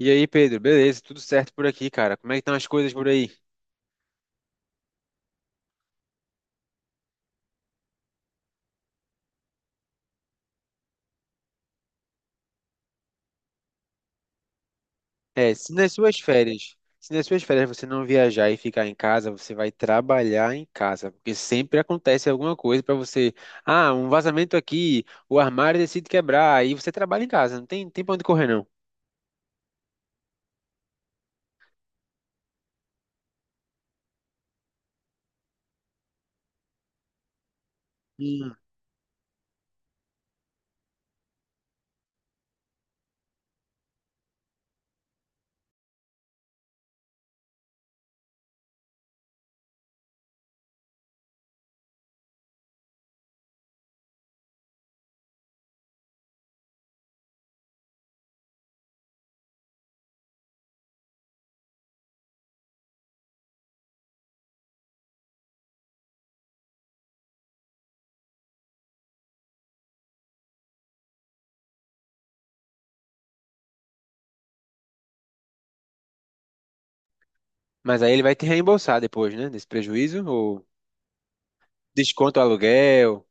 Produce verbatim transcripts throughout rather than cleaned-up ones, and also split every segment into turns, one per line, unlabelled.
E aí, Pedro, beleza? Tudo certo por aqui, cara? Como é que estão as coisas por aí? É, se nas suas férias, se nas suas férias você não viajar e ficar em casa, você vai trabalhar em casa, porque sempre acontece alguma coisa pra você. Ah, um vazamento aqui, o armário decide quebrar, aí você trabalha em casa, não tem, tem pra onde correr não. Hum. Mas aí ele vai te reembolsar depois, né? Desse prejuízo, ou desconta o aluguel.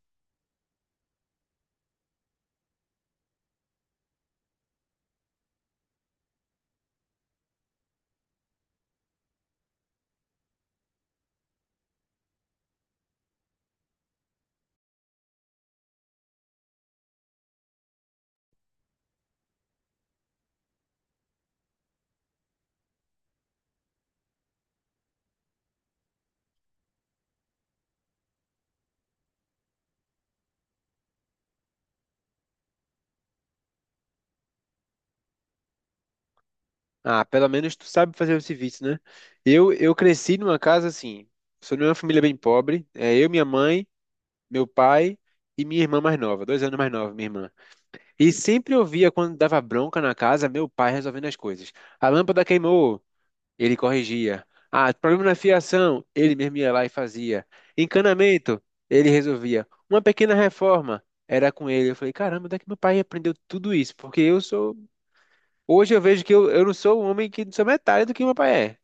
Ah, pelo menos tu sabe fazer o serviço, né? Eu, eu cresci numa casa assim, sou de uma família bem pobre, é eu, minha mãe, meu pai e minha irmã mais nova, dois anos mais nova, minha irmã. E sempre eu via quando dava bronca na casa, meu pai resolvendo as coisas. A lâmpada queimou, ele corrigia. Ah, problema na fiação, ele mesmo ia lá e fazia. Encanamento, ele resolvia. Uma pequena reforma, era com ele. Eu falei, caramba, onde é que meu pai aprendeu tudo isso? Porque eu sou. Hoje eu vejo que eu, eu não sou um homem que não sou metade do que meu pai é.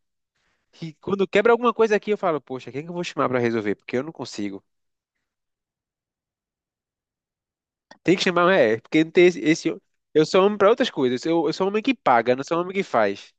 E quando quebra alguma coisa aqui, eu falo, poxa, quem é que eu vou chamar para resolver? Porque eu não consigo. Tem que chamar, é, porque não tem esse, esse- eu sou homem para outras coisas. Eu, eu sou homem que paga, não sou homem que faz.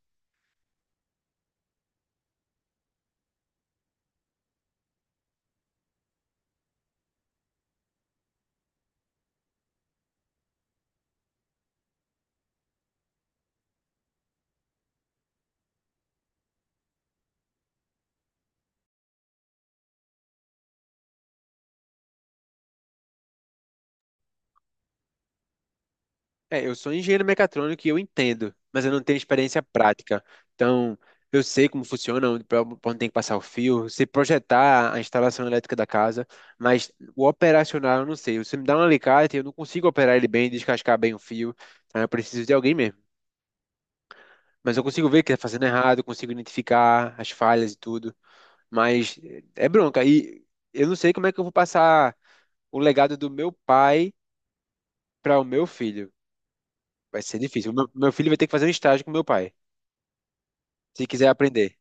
É, eu sou engenheiro mecatrônico e eu entendo, mas eu não tenho experiência prática. Então, eu sei como funciona, onde, pra onde tem que passar o fio, se projetar a instalação elétrica da casa, mas o operacional eu não sei. Você me dá um alicate, eu não consigo operar ele bem, descascar bem o fio. Então, eu preciso de alguém mesmo. Mas eu consigo ver que está fazendo errado, eu consigo identificar as falhas e tudo. Mas é bronca. E eu não sei como é que eu vou passar o legado do meu pai para o meu filho. Vai ser difícil. O meu, meu filho vai ter que fazer um estágio com meu pai, se quiser aprender.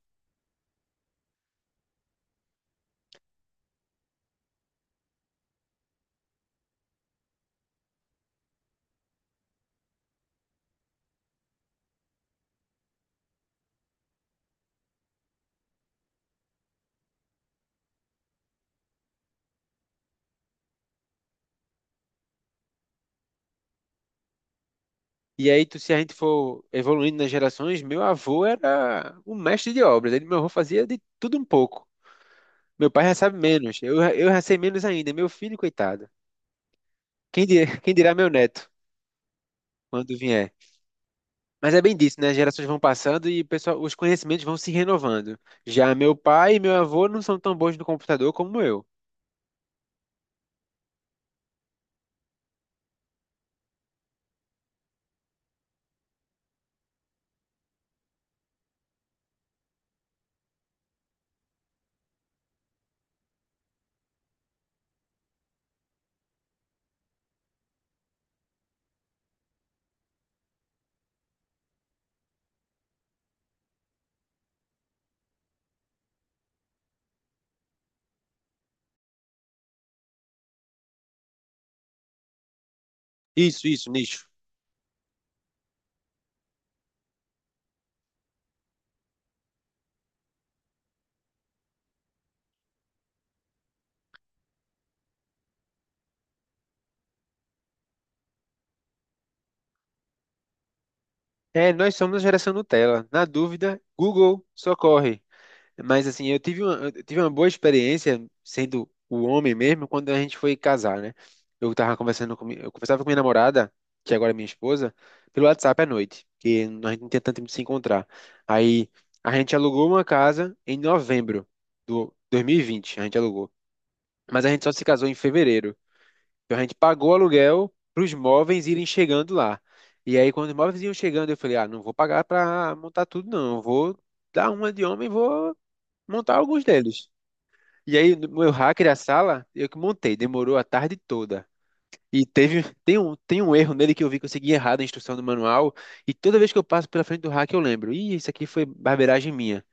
E aí, tu- se a gente for evoluindo nas gerações, meu avô era um mestre de obras. Ele, meu avô fazia de tudo um pouco. Meu pai já sabe menos. Eu, eu já sei menos ainda. Meu filho, coitado. Quem dirá, quem dirá meu neto, quando vier. Mas é bem disso, né? As gerações vão passando e o pessoal, os conhecimentos vão se renovando. Já meu pai e meu avô não são tão bons no computador como eu. Isso, isso, nicho. É, nós somos a geração Nutella. Na dúvida, Google socorre. Mas assim, eu tive uma, eu tive uma boa experiência sendo o homem mesmo quando a gente foi casar, né? Eu tava conversando com, mi- eu conversava com minha namorada, que agora é minha esposa, pelo WhatsApp à noite, que a gente não tinha tanto tempo de se encontrar. Aí a gente alugou uma casa em novembro do dois mil e vinte, a gente alugou. Mas a gente só se casou em fevereiro. Então a gente pagou o aluguel para os móveis irem chegando lá. E aí, quando os móveis iam chegando, eu falei: ah, não vou pagar para montar tudo, não. Eu vou dar uma de homem e vou montar alguns deles. E aí, no meu hacker, a sala, eu que montei, demorou a tarde toda. E teve, tem um, tem um erro nele que eu vi que eu segui errado a instrução do manual. E toda vez que eu passo pela frente do hacker, eu lembro: ih, isso aqui foi barbeiragem minha.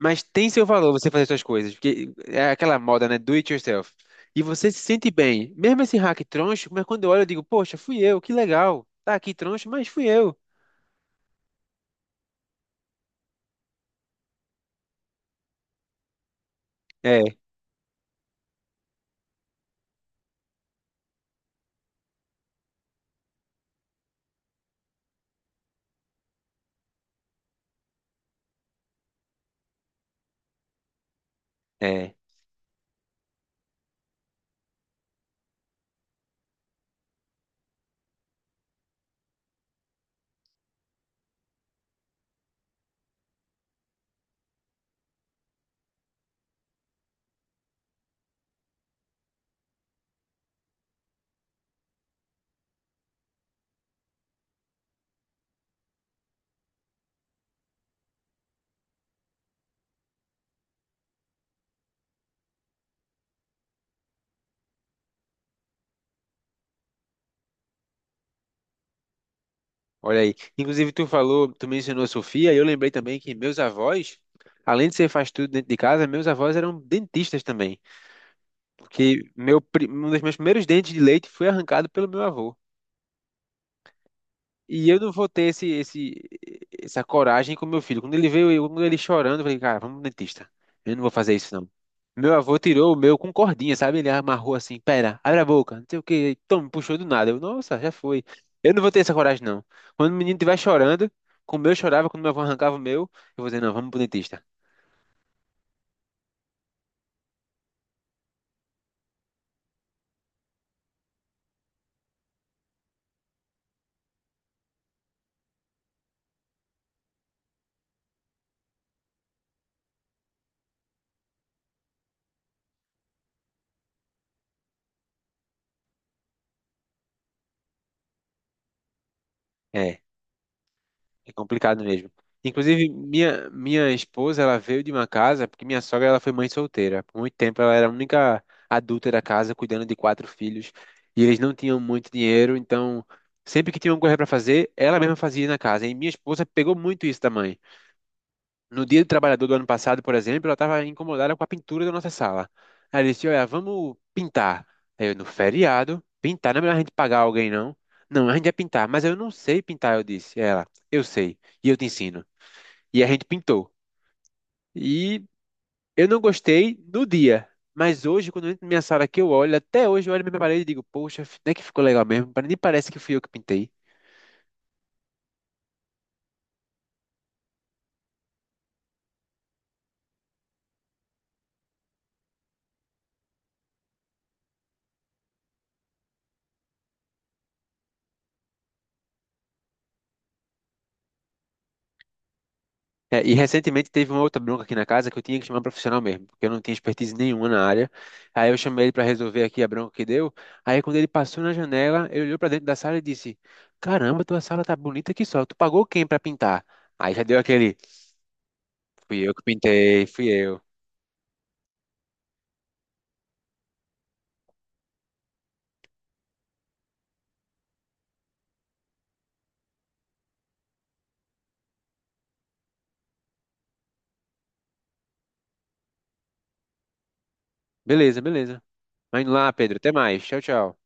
Mas tem seu valor você fazer suas coisas, porque é aquela moda, né? Do it yourself. E você se sente bem. Mesmo esse hack troncho, mas quando eu olho, eu digo, poxa, fui eu, que legal. Tá aqui troncho, mas fui eu. É, é. Olha aí. Inclusive, tu falou, tu mencionou a Sofia, e eu lembrei também que meus avós, além de ser faz tudo dentro de casa, meus avós eram dentistas também. Porque meu, pri- um dos meus primeiros dentes de leite foi arrancado pelo meu avô. E eu não vou ter esse, esse, essa coragem com meu filho. Quando ele veio, eu- quando ele chorando, eu falei, cara, vamos no dentista. Eu não vou fazer isso, não. Meu avô tirou o meu com cordinha, sabe? Ele amarrou assim, pera, abre a boca, não sei o quê. Então, me puxou do nada. Eu, nossa, já foi. Eu não vou ter essa coragem, não. Quando o menino estiver chorando, como eu chorava, quando meu avô arrancava o meu, eu vou dizer, não, vamos pro dentista. É. É complicado mesmo. Inclusive, minha, minha esposa, ela veio de uma casa, porque minha sogra, ela foi mãe solteira. Por muito tempo, ela era a única adulta da casa, cuidando de quatro filhos. E eles não tinham muito dinheiro, então, sempre que tinham coisa para fazer, ela mesma fazia na casa. E minha esposa pegou muito isso da mãe. No Dia do Trabalhador do ano passado, por exemplo, ela estava incomodada com a pintura da nossa sala. Aí ela disse: Olha, vamos pintar. Aí eu, no feriado, pintar, não é melhor a gente pagar alguém, não. Não, a gente vai pintar, mas eu não sei pintar, eu disse. Ela, eu sei, e eu te ensino. E a gente pintou. E eu não gostei no dia, mas hoje, quando eu entro na minha sala que eu olho, até hoje eu olho na minha parede e digo: Poxa, até que ficou legal mesmo, nem parece que fui eu que pintei. É, e recentemente teve uma outra bronca aqui na casa que eu tinha que chamar um profissional mesmo, porque eu não tinha expertise nenhuma na área. Aí eu chamei ele para resolver aqui a bronca que deu. Aí quando ele passou na janela, ele olhou para dentro da sala e disse: Caramba, tua sala tá bonita aqui só. Tu pagou quem para pintar? Aí já deu aquele: Fui eu que pintei, fui eu. Beleza, beleza. Vai indo lá, Pedro. Até mais. Tchau, tchau.